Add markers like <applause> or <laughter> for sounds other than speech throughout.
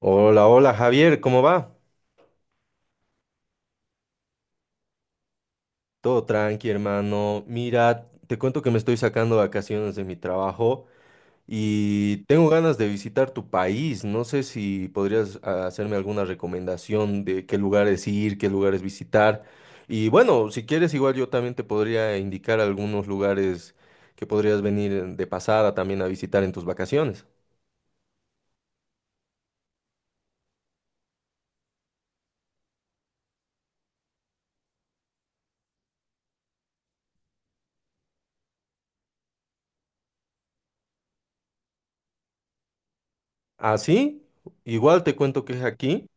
Hola, hola Javier, ¿cómo va? Todo tranqui, hermano. Mira, te cuento que me estoy sacando vacaciones de mi trabajo y tengo ganas de visitar tu país. No sé si podrías hacerme alguna recomendación de qué lugares ir, qué lugares visitar. Y bueno, si quieres, igual yo también te podría indicar algunos lugares que podrías venir de pasada también a visitar en tus vacaciones. ¿Ah, sí? Igual te cuento que es aquí.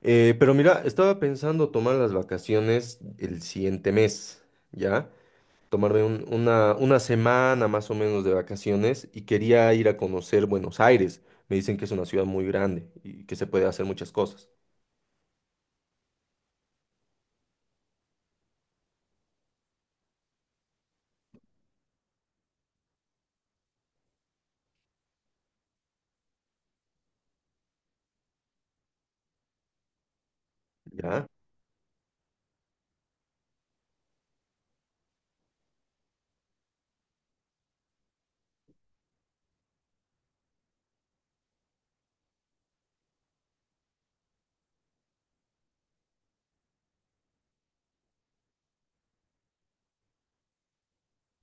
Pero mira, estaba pensando tomar las vacaciones el siguiente mes, ¿ya? Tomarme una semana más o menos de vacaciones y quería ir a conocer Buenos Aires. Me dicen que es una ciudad muy grande y que se puede hacer muchas cosas, ¿ya?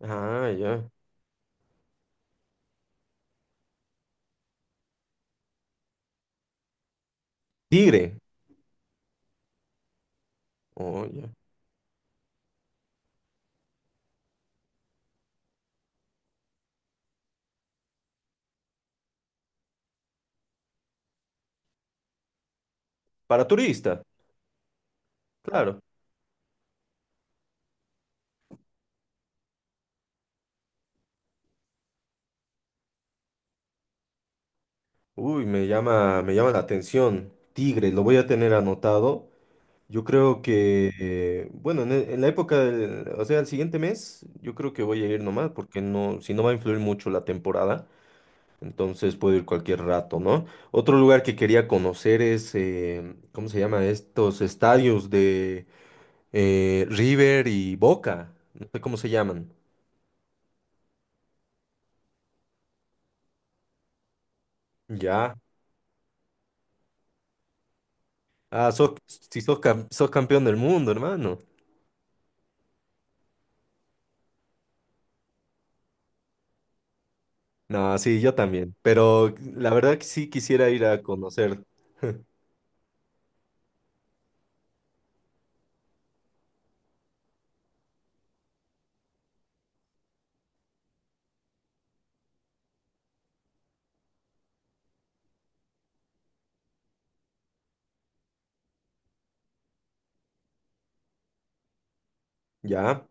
Ah, ya. Tigre. Oh, ya. Para turista, claro. Uy, me llama la atención. Tigre, lo voy a tener anotado. Yo creo que, bueno, en la época del, o sea, el siguiente mes, yo creo que voy a ir nomás, porque no, si no va a influir mucho la temporada, entonces puedo ir cualquier rato, ¿no? Otro lugar que quería conocer es, ¿cómo se llama? Estos estadios de River y Boca, no sé cómo se llaman. Ya. Ah, sos campeón del mundo, hermano. No, sí, yo también, pero la verdad que sí quisiera ir a conocer, ¿ya?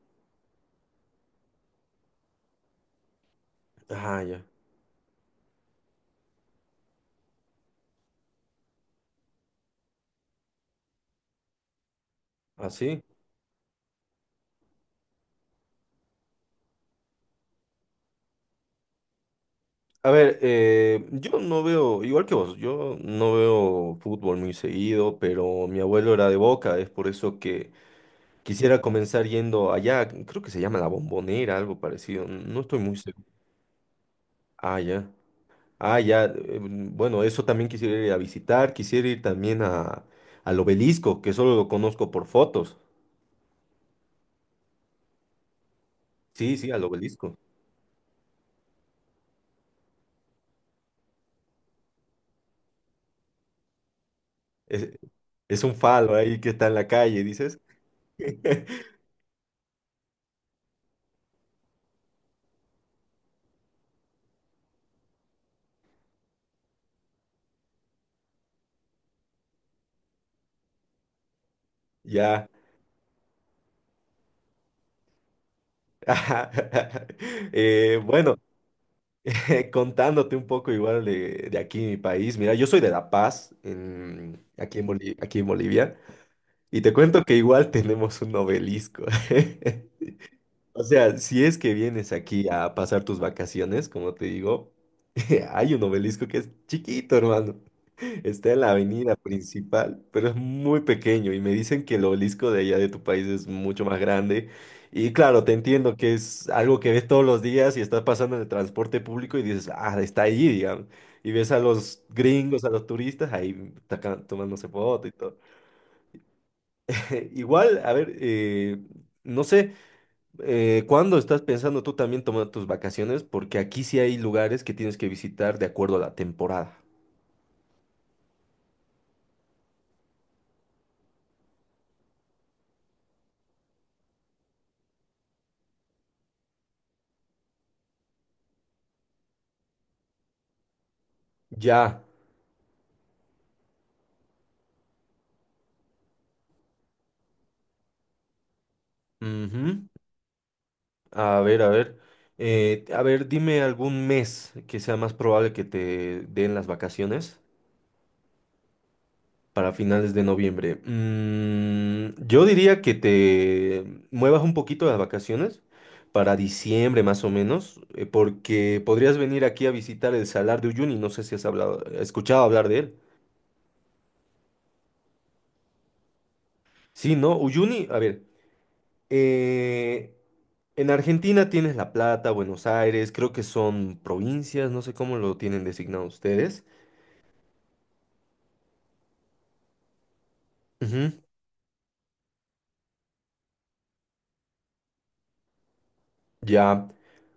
Ah, ya, así. A ver, yo no veo, igual que vos, yo no veo fútbol muy seguido, pero mi abuelo era de Boca, es por eso que quisiera comenzar yendo allá, creo que se llama La Bombonera, algo parecido, no estoy muy seguro. Ah, ya. Ah, ya. Bueno, eso también quisiera ir a visitar, quisiera ir también a, al obelisco, que solo lo conozco por fotos. Sí, sí, al obelisco. Es, es un falo ahí que está en la calle, dices. <laughs> Ya. <laughs> Bueno. <laughs> Contándote un poco igual de aquí, mi país. Mira, yo soy de La Paz, aquí en aquí en Bolivia, y te cuento que igual <laughs> tenemos un obelisco. <laughs> O sea, si es que vienes aquí a pasar tus vacaciones, como te digo, <laughs> hay un obelisco que es chiquito, hermano. Está en la avenida principal, pero es muy pequeño y me dicen que el obelisco de allá de tu país es mucho más grande. Y claro, te entiendo que es algo que ves todos los días y estás pasando en el transporte público y dices, ah, está allí, digamos. Y ves a los gringos, a los turistas ahí tomándose foto y todo. <laughs> Igual, a ver, no sé, ¿cuándo estás pensando tú también tomar tus vacaciones? Porque aquí sí hay lugares que tienes que visitar de acuerdo a la temporada. Ya. Ujú. A ver, a ver. A ver, dime algún mes que sea más probable que te den las vacaciones para finales de noviembre. Mm, yo diría que te muevas un poquito las vacaciones para diciembre más o menos, porque podrías venir aquí a visitar el Salar de Uyuni. No sé si has hablado, escuchado hablar de él. Sí, ¿no? Uyuni, a ver. eh, en Argentina tienes La Plata, Buenos Aires, creo que son provincias, no sé cómo lo tienen designado ustedes. Ujú. Ya,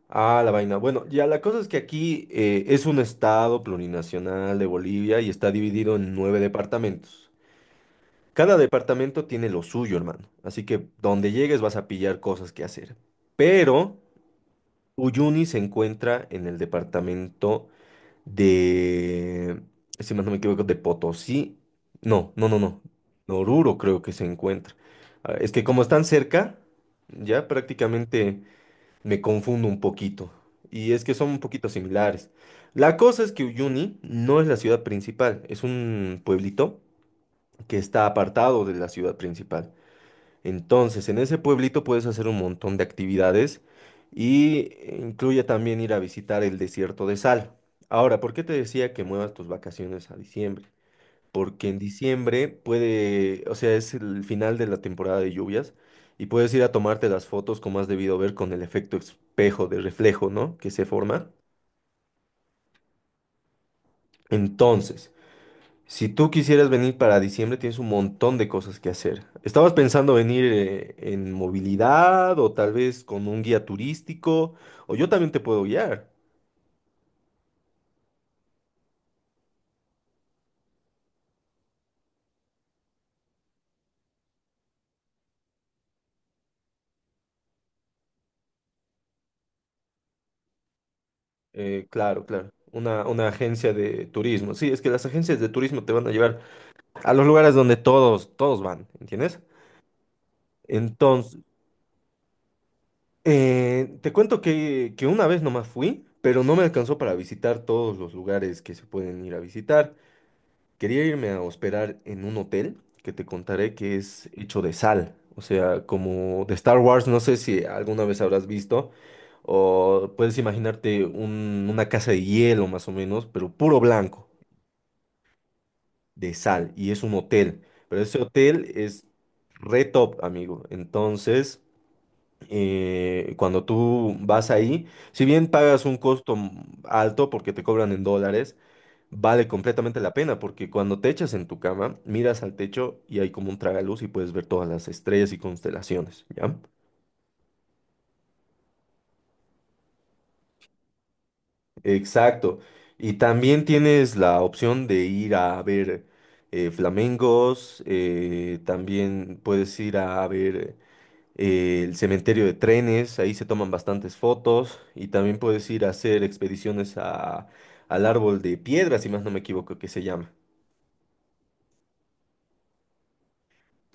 ah, la vaina. Bueno, ya la cosa es que aquí es un estado plurinacional de Bolivia y está dividido en 9 departamentos. Cada departamento tiene lo suyo, hermano. Así que donde llegues vas a pillar cosas que hacer. Pero Uyuni se encuentra en el departamento de, si más no me equivoco, de Potosí. No, no, no, no. Oruro creo que se encuentra. Ah, es que como están cerca, ya prácticamente... Me confundo un poquito. Y es que son un poquito similares. La cosa es que Uyuni no es la ciudad principal, es un pueblito que está apartado de la ciudad principal. Entonces, en ese pueblito puedes hacer un montón de actividades y incluye también ir a visitar el desierto de sal. Ahora, ¿por qué te decía que muevas tus vacaciones a diciembre? Porque en diciembre puede, o sea, es el final de la temporada de lluvias y puedes ir a tomarte las fotos como has debido ver con el efecto espejo de reflejo, ¿no? Que se forma. Entonces, si tú quisieras venir para diciembre, tienes un montón de cosas que hacer. ¿Estabas pensando venir en movilidad o tal vez con un guía turístico? O yo también te puedo guiar. Claro, claro. Una agencia de turismo. Sí, es que las agencias de turismo te van a llevar a los lugares donde todos van, ¿entiendes? Entonces, te cuento que una vez nomás fui, pero no me alcanzó para visitar todos los lugares que se pueden ir a visitar. Quería irme a hospedar en un hotel que te contaré que es hecho de sal, o sea, como de Star Wars, no sé si alguna vez habrás visto, o puedes imaginarte una casa de hielo más o menos, pero puro blanco, de sal, y es un hotel, pero ese hotel es re top, amigo. Entonces... cuando tú vas ahí, si bien pagas un costo alto porque te cobran en dólares, vale completamente la pena porque cuando te echas en tu cama, miras al techo y hay como un tragaluz y puedes ver todas las estrellas y constelaciones, ¿ya? Exacto. Y también tienes la opción de ir a ver flamencos, también puedes ir a ver el cementerio de trenes, ahí se toman bastantes fotos y también puedes ir a hacer expediciones a, al árbol de piedra, si más no me equivoco que se llama.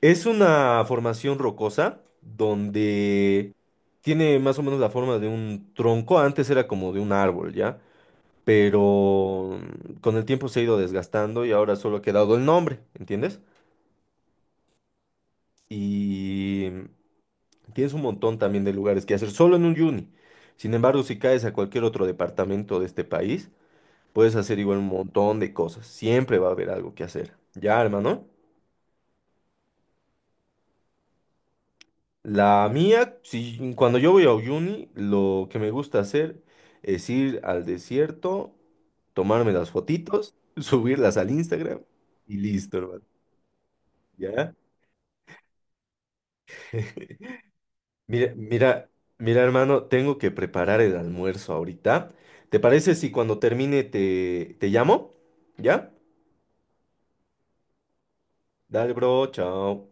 Es una formación rocosa donde tiene más o menos la forma de un tronco, antes era como de un árbol, ¿ya? Pero con el tiempo se ha ido desgastando y ahora solo ha quedado el nombre, ¿entiendes? Y tienes un montón también de lugares que hacer solo en un uni. Sin embargo, si caes a cualquier otro departamento de este país, puedes hacer igual un montón de cosas. Siempre va a haber algo que hacer. Ya, hermano. La mía, si, cuando yo voy a uni, lo que me gusta hacer es ir al desierto, tomarme las fotitos, <laughs> subirlas al Instagram y listo, hermano. ¿Ya? <laughs> Mira, mira, mira, hermano, tengo que preparar el almuerzo ahorita. ¿Te parece si cuando termine te llamo? ¿Ya? Dale, bro, chao.